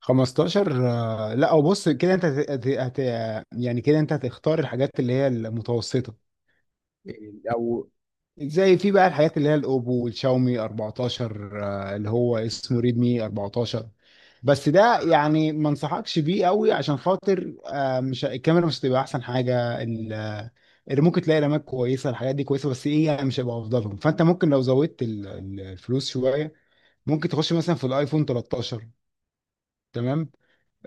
15. لا، او بص كده انت هت... يعني كده انت هتختار الحاجات اللي هي المتوسطه، او زي في بقى الحاجات اللي هي الاوبو والشاومي 14، اللي هو اسمه ريدمي 14. بس ده يعني ما انصحكش بيه قوي عشان خاطر مش الكاميرا، مش هتبقى احسن حاجه، اللي ممكن تلاقي رامات كويسه، الحاجات دي كويسه بس ايه يعني مش هيبقى افضلهم. فانت ممكن لو زودت الفلوس شويه ممكن تخش مثلا في الايفون 13. تمام.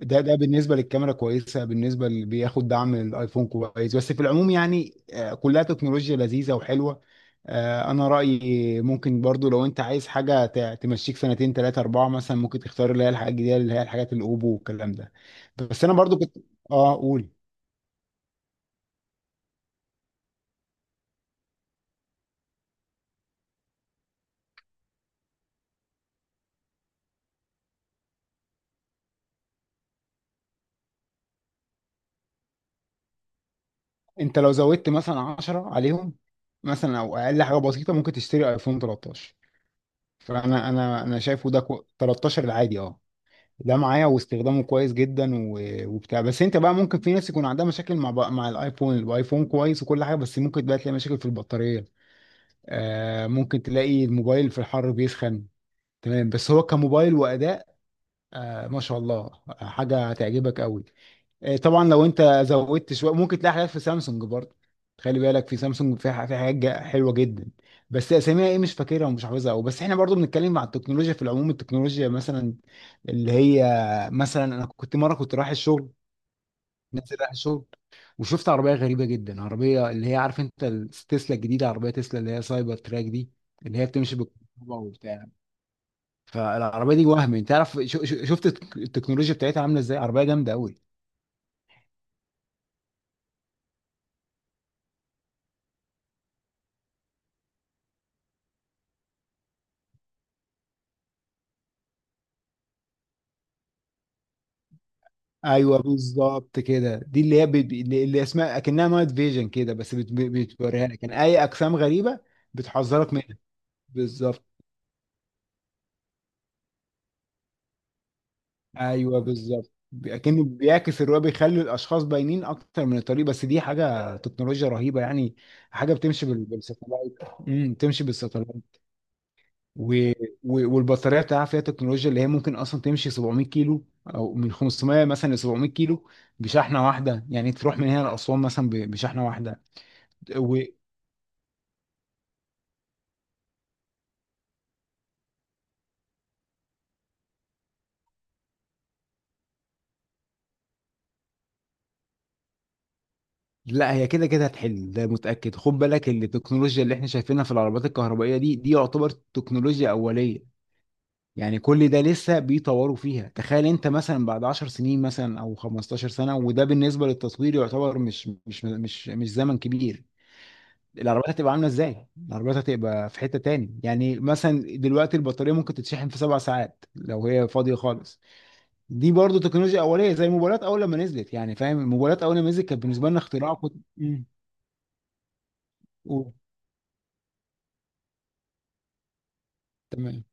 ده بالنسبه للكاميرا كويسه، بالنسبه اللي بياخد دعم الايفون كويس، بس في العموم يعني كلها تكنولوجيا لذيذه وحلوه. انا رايي ممكن برضو لو انت عايز حاجه تمشيك سنتين ثلاثه اربعه مثلا ممكن تختار اللي هي الحاجات الجديده، اللي هي الحاجات الاوبو والكلام ده. بس انا برضو كنت. اه، قول. انت لو زودت مثلا 10 عليهم مثلا او اقل حاجه بسيطه ممكن تشتري ايفون 13. فانا انا شايفه 13 العادي، اه، ده معايا واستخدامه كويس جدا وبتاع. بس انت بقى ممكن في ناس يكون عندها مشاكل مع مع الايفون. الايفون كويس وكل حاجه بس ممكن بقى تلاقي مشاكل في البطاريه، آه، ممكن تلاقي الموبايل في الحر بيسخن. تمام، بس هو كموبايل واداء آه ما شاء الله، حاجه هتعجبك قوي. طبعا لو انت زودت شويه ممكن تلاقي حاجات في سامسونج برضه. خلي بالك، في سامسونج في في حاجات حلوه جدا بس اساميها ايه مش فاكرها ومش حافظها. او بس احنا برضه بنتكلم عن التكنولوجيا في العموم. التكنولوجيا مثلا اللي هي، مثلا انا كنت مره كنت رايح الشغل، نازل رايح الشغل، وشفت عربيه غريبه جدا، عربيه اللي هي عارف انت تسلا الجديده، عربيه تسلا اللي هي سايبر تراك دي، اللي هي بتمشي بالكهرباء وبتاع. فالعربيه دي، وهم انت تعرف شفت التكنولوجيا بتاعتها عامله ازاي، عربيه جامده قوي. ايوه بالظبط كده، دي اللي هي بت... اللي اللي اسمها اكنها نايت فيجن كده، بس بتوريها لك يعني اي اجسام غريبه، بتحذرك منها. بالظبط. ايوه بالظبط، اكنه بيعكس الرؤيه، بيخلي الاشخاص باينين اكتر من الطريق، بس دي حاجه تكنولوجيا رهيبه يعني، حاجه بتمشي بالساتلايت. امم، بتمشي بالساتلايت. و... والبطاريه بتاعها فيها تكنولوجيا اللي هي ممكن اصلا تمشي 700 كيلو، او من 500 مثلا ل 700 كيلو بشحنه واحده، يعني تروح من هنا لاسوان مثلا بشحنه واحده. لا هي كده كده هتحل، ده متأكد. خد بالك إن التكنولوجيا اللي احنا شايفينها في العربات الكهربائية دي، يعتبر تكنولوجيا أولية. يعني كل ده لسه بيطوروا فيها. تخيل انت مثلا بعد 10 سنين مثلا او 15 سنة، وده بالنسبة للتصوير يعتبر مش زمن كبير، العربيات هتبقى عاملة ازاي؟ العربيات هتبقى في حتة تاني. يعني مثلا دلوقتي البطارية ممكن تتشحن في 7 ساعات لو هي فاضية خالص. دي برضو تكنولوجيا أولية زي الموبايلات أول لما نزلت، يعني فاهم، الموبايلات أول لما نزلت كانت بالنسبة لنا اختراع. كنت. مم. قول. تمام.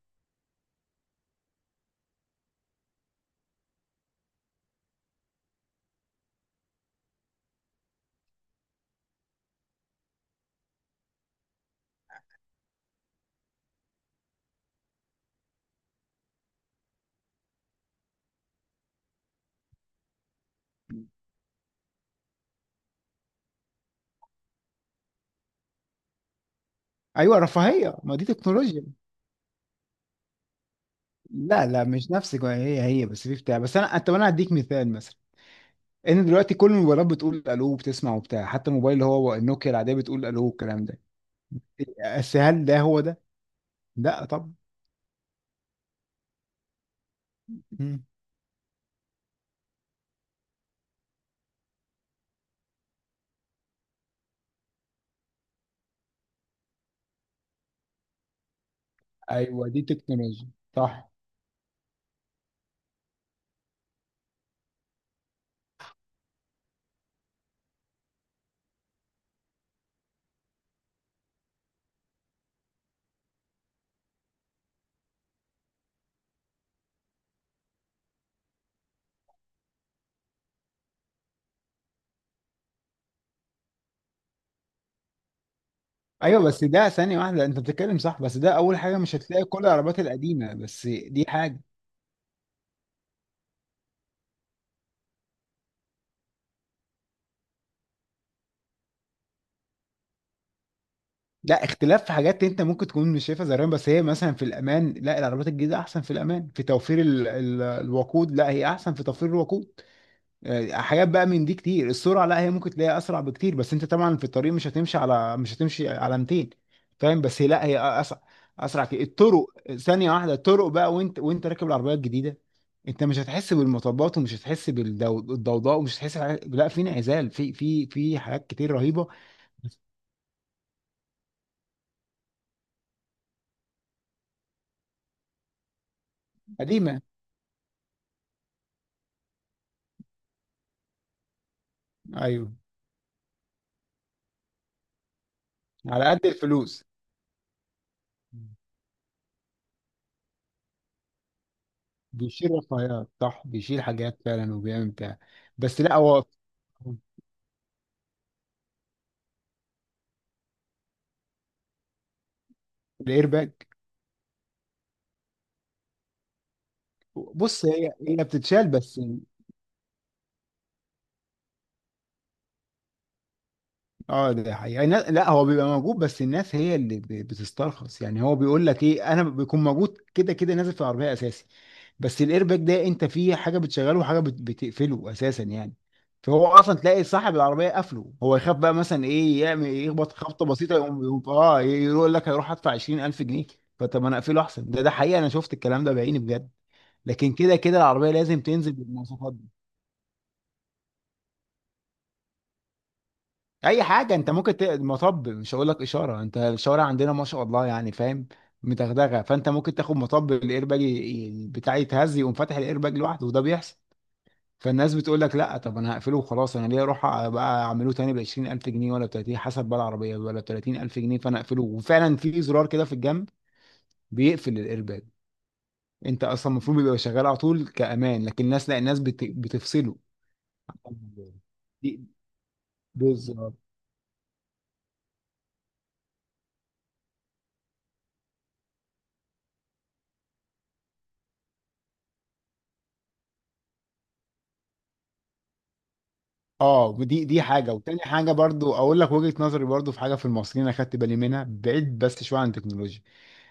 ايوه، رفاهيه، ما دي تكنولوجيا. لا، لا مش نفس هي هي، بس في بتاع. بس انا، طب انا هديك مثال مثلا. ان دلوقتي كل الموبايلات بتقول الو وبتسمع وبتاع، حتى الموبايل اللي هو النوكيا العاديه بتقول الو والكلام ده. بس هل ده هو ده؟ لا طبعا. مم. ايوه دي تكنولوجيا. صح. ايوه بس ده ثانيه واحده، انت بتتكلم صح بس ده اول حاجه، مش هتلاقي كل العربيات القديمه، بس دي حاجه. لا، اختلاف في حاجات انت ممكن تكون مش شايفها زي، بس هي مثلا في الامان، لا العربيات الجديده احسن في الامان، في توفير ال الوقود، لا هي احسن في توفير الوقود. حاجات بقى من دي كتير. السرعه لا هي ممكن تلاقيها اسرع بكتير، بس انت طبعا في الطريق مش هتمشي على، مش هتمشي على 200، فاهم. بس هي لا هي اسرع، اسرع كتير. الطرق، ثانيه واحده. الطرق بقى، وانت راكب العربيه الجديده، انت مش هتحس بالمطبات ومش هتحس بالضوضاء ومش هتحس بحاجات. لا، في انعزال، في حاجات كتير رهيبه. قديمه. ايوه، على قد الفلوس. بيشيل رفاهيات، صح، بيشيل حاجات فعلا، وبيعمل بتاع. بس لا هو. الايرباج. بص هي هي بتتشال بس. اه ده حقيقي. الناس، لا هو بيبقى موجود بس الناس هي اللي بتسترخص. يعني هو بيقول لك ايه، انا بيكون موجود كده كده، نازل في العربيه اساسي، بس الايرباك ده انت فيه حاجه بتشغله وحاجه بتقفله اساسا يعني. فهو اصلا تلاقي صاحب العربيه قافله، هو يخاف بقى، مثلا ايه، يعمل إيه، يخبط خبطه بسيطه، يقوم اه يقول لك هيروح ادفع 20000 جنيه. فطب ما انا اقفله احسن. ده حقيقه، انا شفت الكلام ده بعيني بجد. لكن كده كده العربيه لازم تنزل بالمواصفات دي. اي حاجه، انت ممكن مطب، مش هقول لك اشاره، انت الشوارع عندنا ما شاء الله يعني فاهم متغدغه. فانت ممكن تاخد مطب، الايرباج بتاعي يتهز، يقوم فاتح الايرباج لوحده، وده بيحصل. فالناس بتقول لك لا، طب انا هقفله وخلاص، انا ليه اروح بقى اعمله تاني ب 20000 جنيه ولا 30 حسب بقى العربيه، ولا 30000 جنيه. فانا اقفله. وفعلا في زرار كده في الجنب بيقفل الايرباك. انت اصلا المفروض بيبقى شغال على طول كامان، لكن الناس لا، الناس بتفصله. دي بالظبط. اه، دي حاجه. وتاني حاجه برضو اقول لك وجهه نظري، برضو في حاجه في المصريين اخدت بالي منها، بعيد بس شويه عن التكنولوجيا.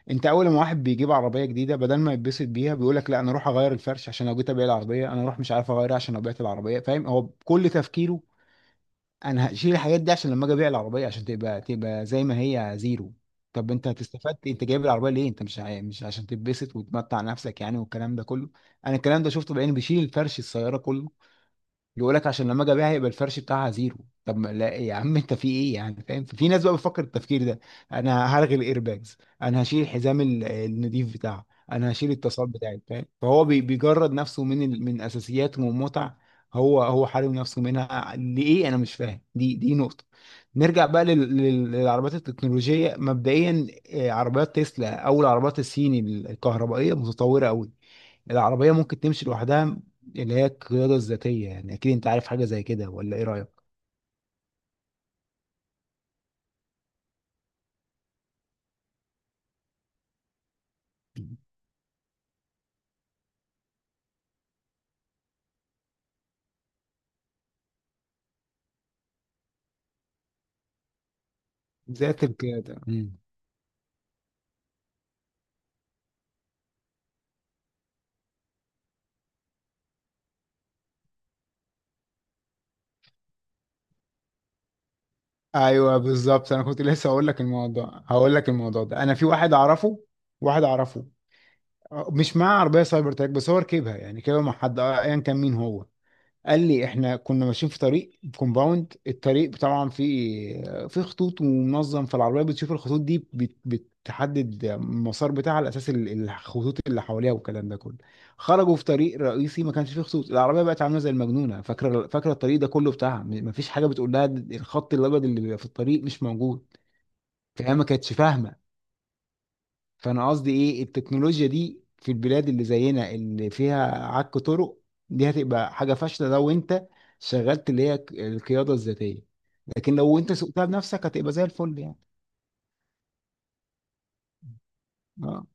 انت اول ما واحد بيجيب عربيه جديده، بدل ما يتبسط بيها، بيقول لك لا انا اروح اغير الفرش، عشان لو جيت ابيع العربيه، انا اروح مش عارف اغيرها عشان لو بعت العربيه، فاهم، هو كل تفكيره انا هشيل الحاجات دي عشان لما اجي ابيع العربيه، عشان تبقى زي ما هي زيرو. طب انت هتستفاد إيه؟ انت جايب العربيه ليه، انت مش عشان تتبسط وتمتع نفسك يعني، والكلام ده كله. انا الكلام ده شفته بعيني، بيشيل الفرش، السياره كله. يقول لك عشان لما اجي ابيعها يبقى الفرش بتاعها زيرو. طب ما، لا يا عم انت في ايه يعني، فاهم، في ناس بقى بتفكر التفكير ده. انا هرغي الايرباجز، انا هشيل الحزام النضيف بتاعه، انا هشيل التصال بتاعي، فاهم، فهو بيجرد نفسه من من اساسيات ومتع. هو هو حارم نفسه منها ليه، انا مش فاهم. دي نقطة. نرجع بقى للعربيات التكنولوجية مبدئيا. عربيات تسلا او العربيات الصيني الكهربائية متطورة قوي. العربية ممكن تمشي لوحدها، اللي هي القيادة الذاتية، يعني أكيد أنت عارف حاجة زي كده، ولا إيه رأيك؟ ذات القيادة. مم. ايوه بالظبط، انا كنت لسه هقول لك الموضوع، هقول لك الموضوع ده، انا في واحد اعرفه، واحد اعرفه مش معاه عربيه سايبر تراك بس هو ركبها، يعني ركبها مع حد ايا كان مين هو، قال لي احنا كنا ماشيين في طريق كومباوند. الطريق طبعا في في خطوط ومنظم، فالعربيه بتشوف الخطوط دي بتحدد المسار بتاعها على اساس الخطوط اللي حواليها والكلام ده كله. خرجوا في طريق رئيسي ما كانش فيه خطوط، العربيه بقت عامله زي المجنونه، فاكره فاكره الطريق ده كله بتاعها، مفيش حاجه بتقول لها، الخط الابيض اللي بيبقى في الطريق مش موجود، فهي ما كانتش فاهمه. فانا قصدي ايه، التكنولوجيا دي في البلاد اللي زينا اللي فيها عك طرق، دي هتبقى حاجه فاشله لو انت شغلت اللي هي القياده الذاتيه، لكن لو انت سوقتها بنفسك هتبقى زي الفل يعني. اه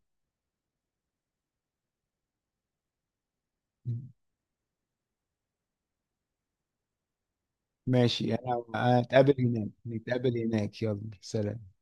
ماشي، انا هتقابل هناك نتقابل هناك، يلا سلام.